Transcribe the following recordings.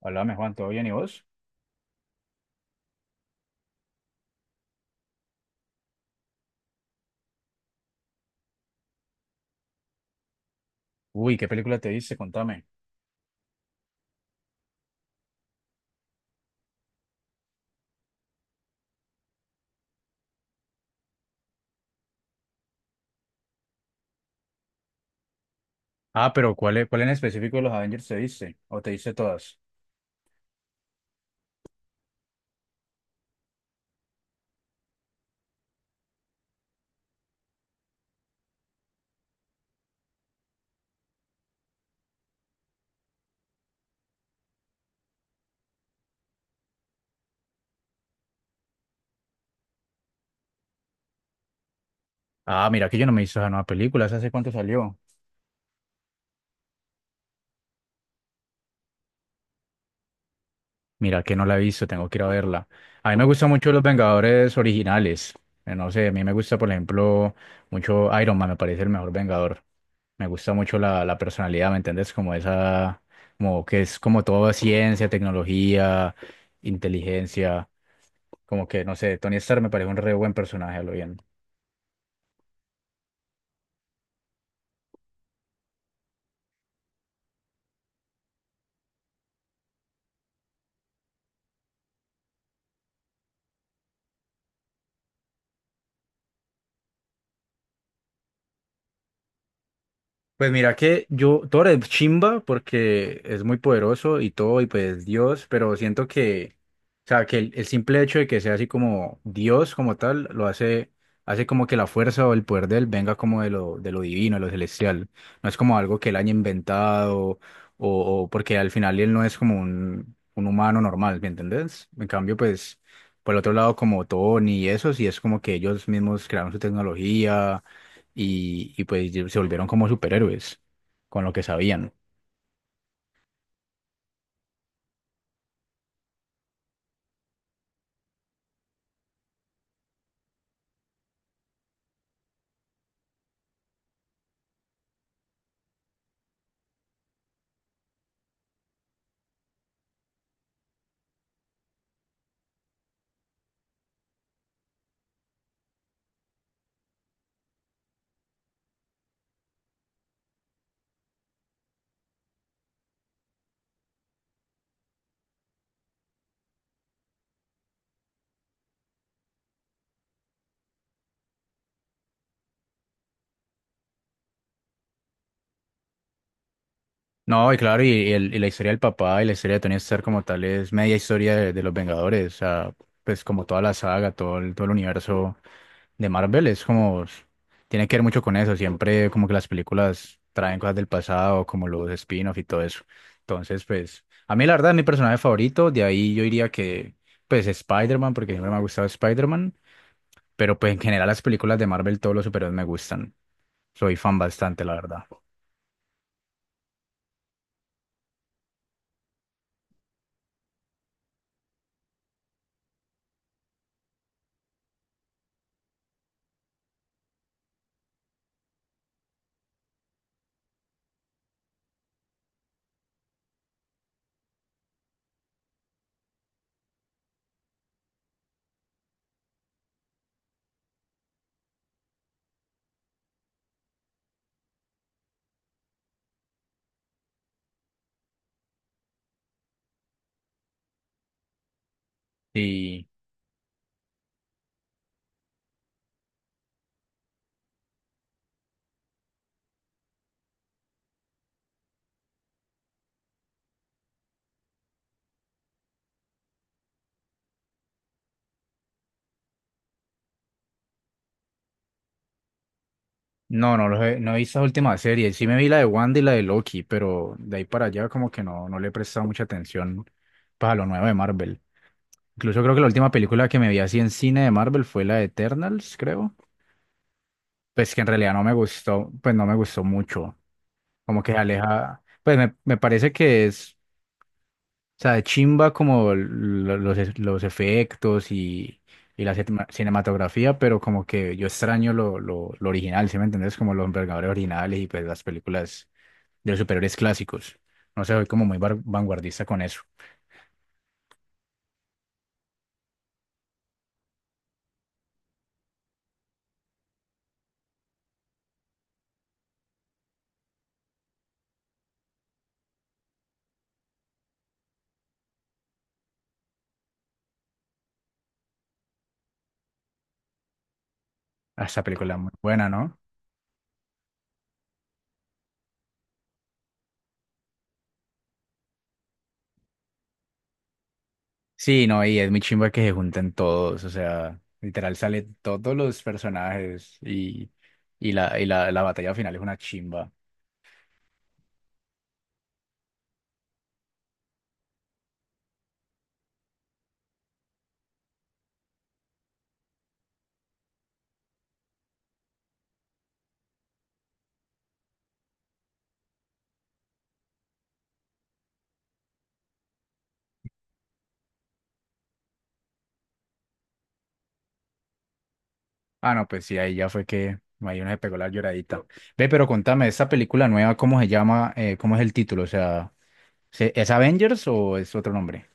Hola, Juan, ¿todo bien y vos? Uy, ¿qué película te viste? Contame. Ah, pero ¿cuál, cuál en específico de los Avengers te viste? ¿O te viste todas? Ah, mira que yo no me he visto esa nueva película, ¿esa ¿hace cuánto salió? Mira que no la he visto, tengo que ir a verla. A mí me gustan mucho los Vengadores originales. No sé, a mí me gusta, por ejemplo, mucho Iron Man, me parece el mejor Vengador. Me gusta mucho la personalidad, ¿me entiendes? Como esa, como que es como todo ciencia, tecnología, inteligencia, como que, no sé, Tony Stark me parece un re buen personaje, a lo bien. Pues mira que yo, Thor es chimba porque es muy poderoso y todo, y pues Dios, pero siento que, o sea, que el simple hecho de que sea así como Dios como tal, lo hace, hace como que la fuerza o el poder de él venga como de lo divino, de lo celestial. No es como algo que él haya inventado, o porque al final él no es como un humano normal, ¿me entendés? En cambio, pues, por el otro lado, como Tony y eso, sí es como que ellos mismos crearon su tecnología y pues se volvieron como superhéroes con lo que sabían. No, y claro, y, y la historia del papá y la historia de Tony Stark como tal es media historia de los Vengadores, o sea, pues como toda la saga, todo el universo de Marvel es como, tiene que ver mucho con eso, siempre como que las películas traen cosas del pasado, como los spin-off y todo eso. Entonces, pues, a mí la verdad es mi personaje favorito, de ahí yo diría que, pues, Spider-Man, porque siempre me ha gustado Spider-Man, pero pues en general las películas de Marvel, todos los superhéroes me gustan. Soy fan bastante, la verdad. Y no, no, no he visto las últimas series. Sí me vi la de Wanda y la de Loki, pero de ahí para allá como que no, no le he prestado mucha atención para lo nuevo de Marvel. Incluso creo que la última película que me vi así en cine de Marvel fue la de Eternals, creo. Pues que en realidad no me gustó, pues no me gustó mucho. Como que se aleja, pues me parece que es. O sea, de chimba como los, los efectos y la cinematografía, pero como que yo extraño lo original, ¿sí me entendés? Como los envergadores originales y pues las películas de los superiores clásicos. No sé, soy como muy vanguardista con eso. Ah, esta película es muy buena, ¿no? Sí, no, y es muy chimba que se junten todos, o sea, literal salen todos los personajes y la, la batalla final es una chimba. Ah, no, pues sí, ahí ya fue que ahí una se pegó la lloradita. Ve, pero contame, ¿esta película nueva cómo se llama? ¿Cómo es el título? O sea, ¿es Avengers o es otro nombre?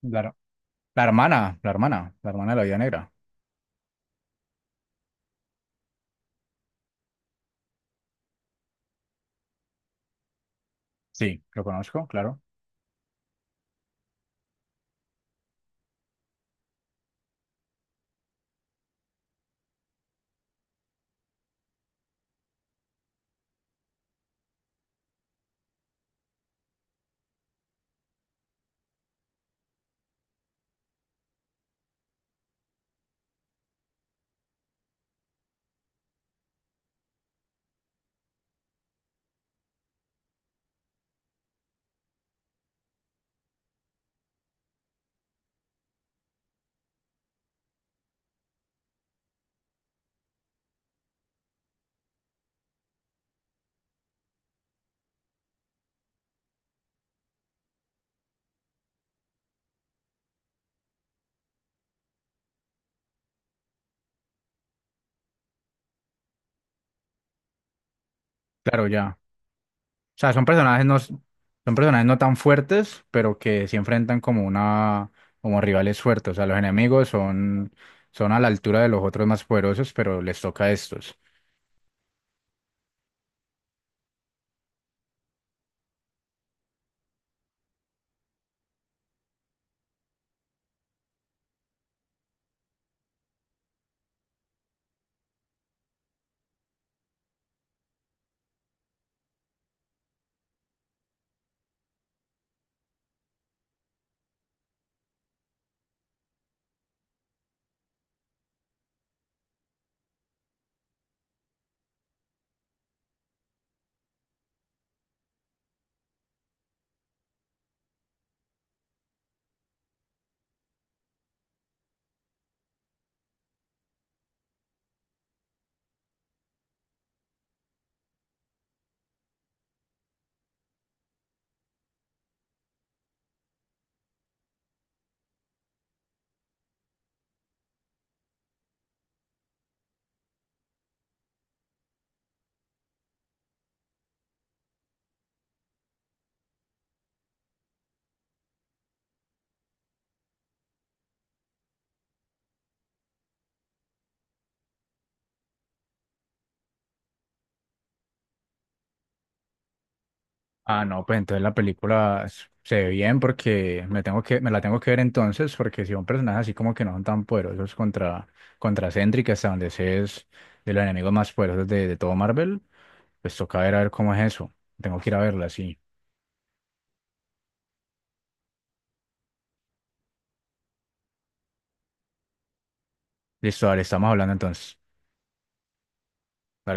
Claro. La hermana, la hermana, la hermana de la Vida Negra. Sí, lo conozco, claro. Claro, ya. O sea, son personajes no tan fuertes, pero que sí enfrentan como una, como rivales fuertes. O sea, los enemigos son, son a la altura de los otros más poderosos, pero les toca a estos. Ah, no, pues entonces la película se ve bien porque me tengo que, me la tengo que ver entonces, porque si son personajes así como que no son tan poderosos contra, contra Sentry, que hasta donde sé es de los enemigos más poderosos de todo Marvel, pues toca ver a ver cómo es eso. Tengo que ir a verla, sí. Listo, dale, estamos hablando entonces.